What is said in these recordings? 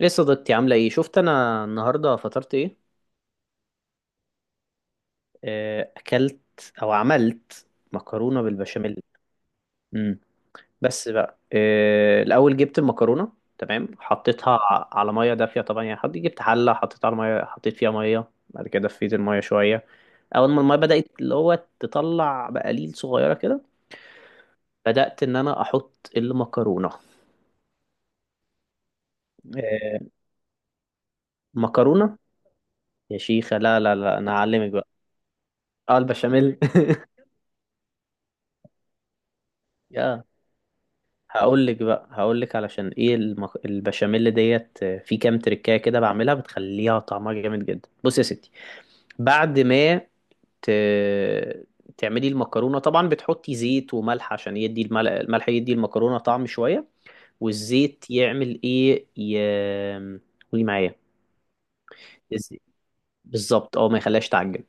ليه صديقتي عاملة ايه؟ شفت انا النهاردة فطرت ايه؟ اكلت او عملت مكرونة بالبشاميل. امم بس بقى الاول جبت المكرونة، تمام، حطيتها على مية دافية. طبعا يعني حطيت، جبت حلة حطيتها على مية، حطيت فيها مية، بعد كده دفيت المية شوية. اول ما المية بدأت اللي هو تطلع بقليل صغيرة كده، بدأت ان انا احط المكرونة. آه، مكرونة. يا شيخة، لا لا لا، انا هعلمك بقى. اه البشاميل. هقول لك علشان ايه البشاميل ديت. في كام تريكايه كده بعملها بتخليها طعمها جامد جدا. بص يا ستي، بعد ما ت... تعملي المكرونه، طبعا بتحطي زيت وملح عشان يدي الملح يدي المكرونه طعم شويه، والزيت يعمل ايه قولي معايا. بالظبط، اه، ما يخليهاش تعجن.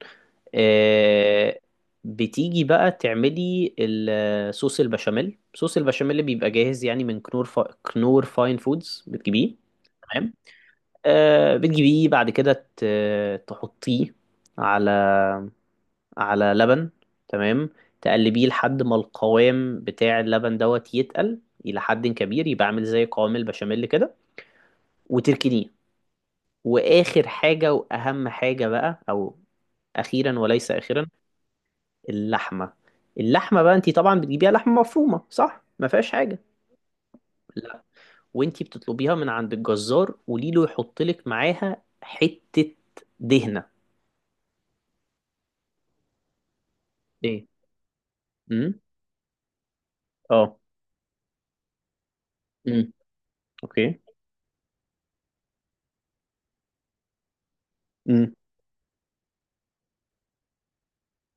آه بتيجي بقى تعملي الصوص البشاميل، صوص البشاميل اللي بيبقى جاهز يعني، من كنور فاين فودز بتجيبيه. تمام. بتجيبيه بعد كده تحطيه على على لبن. تمام. تقلبيه لحد ما القوام بتاع اللبن دوت يتقل إلى حد كبير، يبقى عامل زي قوام البشاميل كده، وتركنيه. واخر حاجة واهم حاجة بقى، او اخيرا وليس اخيرا، اللحمة. اللحمة بقى انتي طبعا بتجيبيها لحمة مفرومة، صح؟ ما فيهاش حاجة. لا. وانتي بتطلبيها من عند الجزار قوليله يحط لك معاها حتة دهنة. ايه؟ امم. اه. امم. اوكي. امم.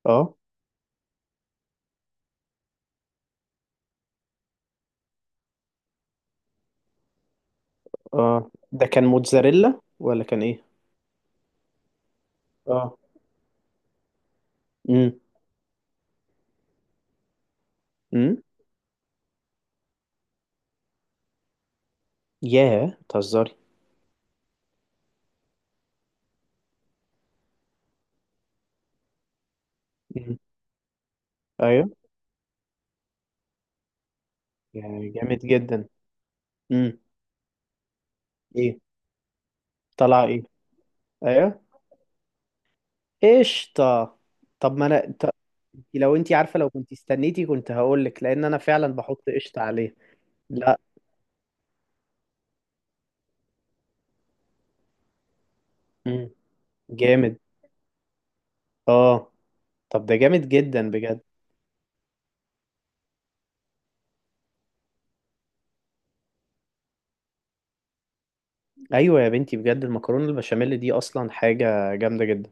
اه. اه، ده كان موتزاريلا ولا كان ايه؟ اه. امم. امم. ياه، بتهزري؟ امم. ايوه يعني، جامد جدا. امم. ايه؟ طلع ايه؟ ايوه. قشطة. طب ما انا لو انتي عارفة، لو كنت استنيتي كنت هقولك، لان انا فعلا بحط قشطة عليه. لا. مم. جامد. اه. طب ده جامد جدا بجد. ايوه يا بنتي، بجد المكرونة البشاميل دي اصلا حاجة جامدة جدا.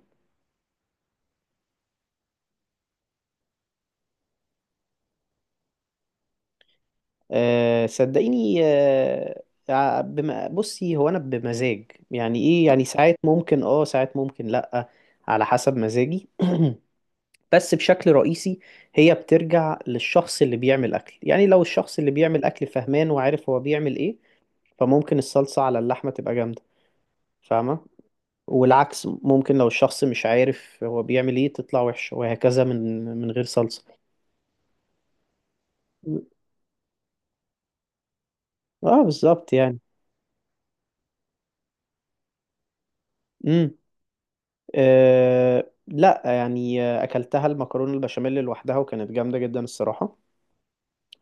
أه صدقيني. بصي، هو انا بمزاج يعني ايه، يعني ساعات ممكن اه، ساعات ممكن لا، على حسب مزاجي بس بشكل رئيسي هي بترجع للشخص اللي بيعمل أكل. يعني لو الشخص اللي بيعمل أكل فهمان وعارف هو بيعمل إيه، فممكن الصلصة على اللحمة تبقى جامدة، فاهمة. والعكس، ممكن لو الشخص مش عارف هو بيعمل إيه تطلع وحشة، وهكذا، من غير صلصة. اه بالظبط يعني. امم. لا يعني، أكلتها المكرونة البشاميل لوحدها وكانت جامدة جدا الصراحة.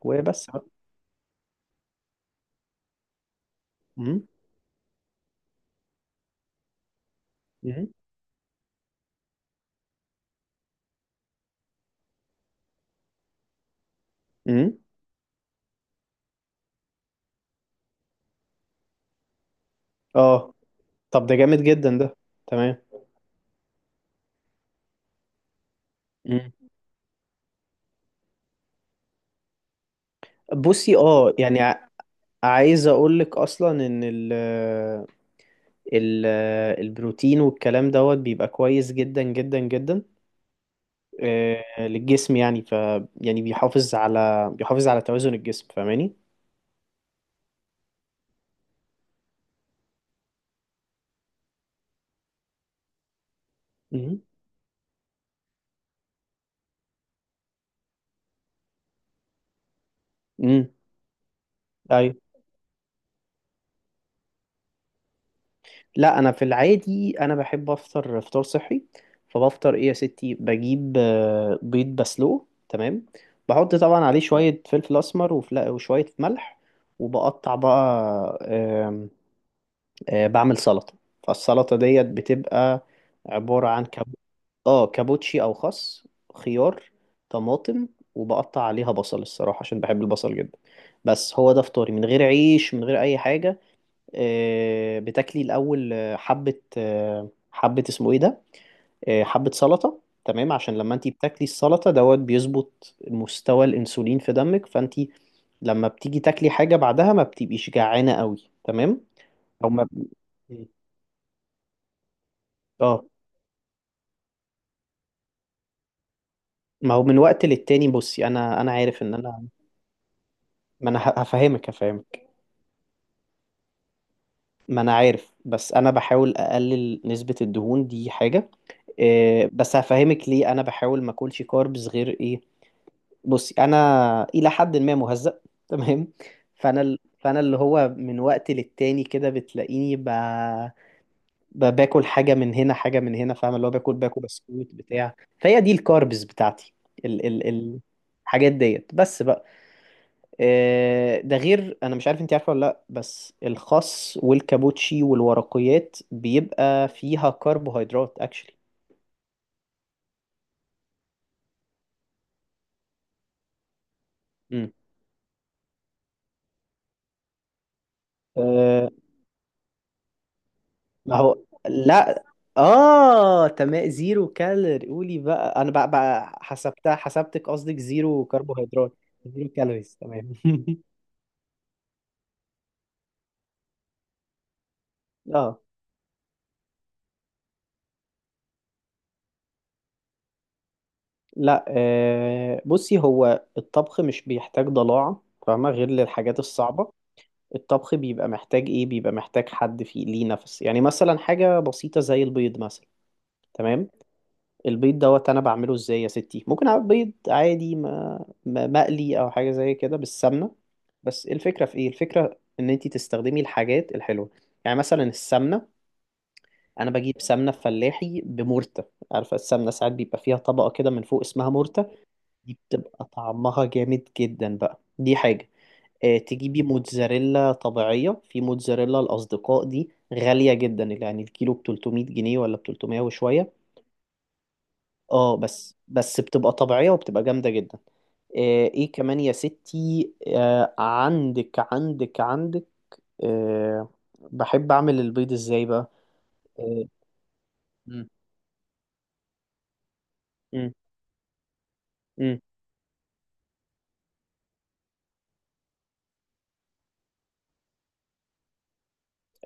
وبس بقى. امم. امم. امم. اه. طب ده جامد جدا ده. تمام. بصي اه يعني عايز اقول لك اصلا ان ال ال البروتين والكلام دوت بيبقى كويس جدا جدا جدا للجسم يعني. يعني بيحافظ على، توازن الجسم. فاهماني؟ امم. امم. ايوه. لا، انا في العادي انا بحب افطر فطار صحي. فبفطر ايه يا ستي؟ بجيب بيض بسلوه، تمام. بحط طبعا عليه شوية فلفل اسمر وشوية ملح. وبقطع بقى آمم، بعمل سلطة. فالسلطة ديت بتبقى عبارة عن اه، كابوتشي أو خس، خيار، طماطم. وبقطع عليها بصل الصراحة عشان بحب البصل جدا. بس هو ده فطاري من غير عيش من غير أي حاجة. بتاكلي الأول حبة، حبة اسمه إيه ده، حبة سلطة، تمام. عشان لما انتي بتاكلي السلطة دوت بيظبط مستوى الأنسولين في دمك، فانتي لما بتيجي تاكلي حاجة بعدها ما بتبقيش جعانة قوي. تمام. او ما اه، ما هو من وقت للتاني. بصي انا عارف ان انا ما انا هفهمك. ما انا عارف، بس انا بحاول اقلل نسبة الدهون، دي حاجة. إيه بس هفهمك ليه انا بحاول ما اكلش كاربز غير ايه. بصي انا الى حد ما مهزأ تمام. فانا اللي هو من وقت للتاني كده بتلاقيني باكل حاجة من هنا، حاجة من هنا. فاهم؟ اللي هو باكل بسكوت بتاع، فهي دي الكاربز بتاعتي. ال... ال... ال... الحاجات ديت بس بقى. ده غير انا مش عارف انت عارفه ولا لا، بس الخس والكابوتشي والورقيات بيبقى فيها كربوهيدرات اكشلي. مم. أه. ما هو لا. اه تمام، زيرو كالوري. قولي بقى انا بقى حسبتها، حسبتك قصدك زيرو كربوهيدرات. زيرو كالوريز، تمام. اه، لا، بصي، هو الطبخ مش بيحتاج ضلاعة فاهمة، غير للحاجات الصعبة. الطبخ بيبقى محتاج ايه؟ بيبقى محتاج حد فيه ليه نفس. يعني مثلا حاجة بسيطة زي البيض مثلا، تمام. البيض دوت انا بعمله ازاي يا ستي؟ ممكن اعمل بيض عادي مقلي، او حاجة زي كده بالسمنة. بس الفكرة في ايه؟ الفكرة ان انتي تستخدمي الحاجات الحلوة. يعني مثلا السمنة، انا بجيب سمنة فلاحي بمرتة. عارفة السمنة ساعات بيبقى فيها طبقة كده من فوق اسمها مرتة، دي بتبقى طعمها جامد جدا بقى، دي حاجة. تجيبي موتزاريلا طبيعية. في موتزاريلا الأصدقاء دي غالية جدا، يعني الكيلو ب 300 جنيه ولا ب 300 وشوية. اه، بس بتبقى طبيعية وبتبقى جامدة جدا. ايه كمان يا ستي؟ عندك آه، بحب أعمل البيض ازاي بقى؟ آه، مم، مم، مم.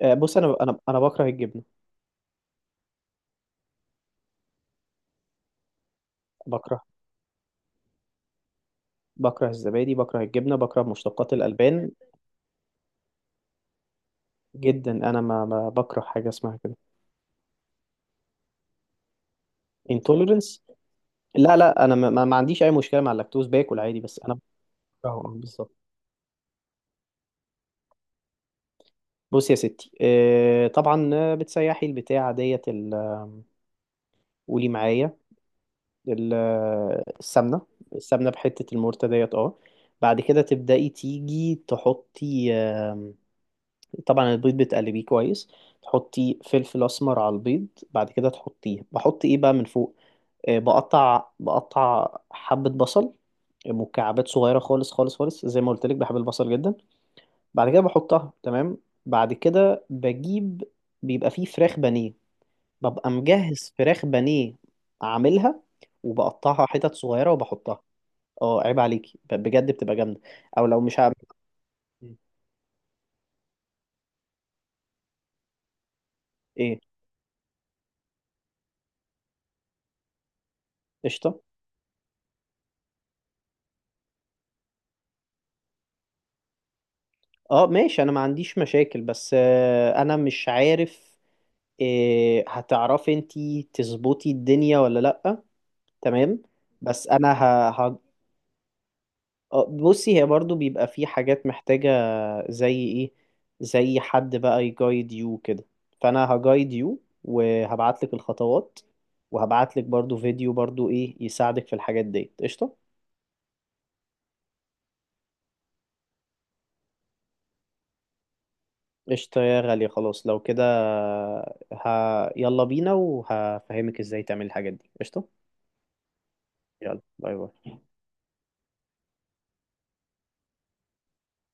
بص، أنا بكره الجبنة، بكره بكره الزبادي، بكره الجبنة، بكره مشتقات الألبان جدا. أنا ما بكره حاجة اسمها كده. intolerance. لا لا، انا ما عنديش اي مشكله مع اللاكتوز، باكل عادي بس انا بكرهه. اه بالظبط. بص يا ستي، طبعا بتسيحي البتاع ديت، قولي معايا السمنه، بحته، المرتة ديت، اه. بعد كده تبدأي تيجي تحطي، طبعا البيض بتقلبيه كويس، تحطي فلفل اسمر على البيض. بعد كده تحطيه، بحط ايه بقى من فوق؟ بقطع حبة بصل مكعبات صغيرة خالص خالص خالص، زي ما قلت لك بحب البصل جدا. بعد كده بحطها، تمام. بعد كده بجيب، بيبقى فيه فراخ بانيه، ببقى مجهز فراخ بانيه عاملها، وبقطعها حتت صغيرة وبحطها. اه، عيب عليكي، بجد بتبقى جامدة. او لو مش هعمل ايه؟ قشطة. اه ماشي، انا ما عنديش مشاكل، بس انا مش عارف إيه، هتعرفي انتي تظبطي الدنيا ولا لأ. تمام. بس انا ه- اه بصي، هي برضو بيبقى في حاجات محتاجة. زي ايه؟ زي حد بقى يجايد يو كده، فانا هجايد يو وهبعتلك الخطوات، وهبعتلك برضو فيديو برضو ايه يساعدك في الحاجات دي، قشطة. قشطة يا غالية، خلاص لو كده ه... يلا بينا، وهفهمك ازاي تعمل الحاجات دي، قشطة. يلا باي باي.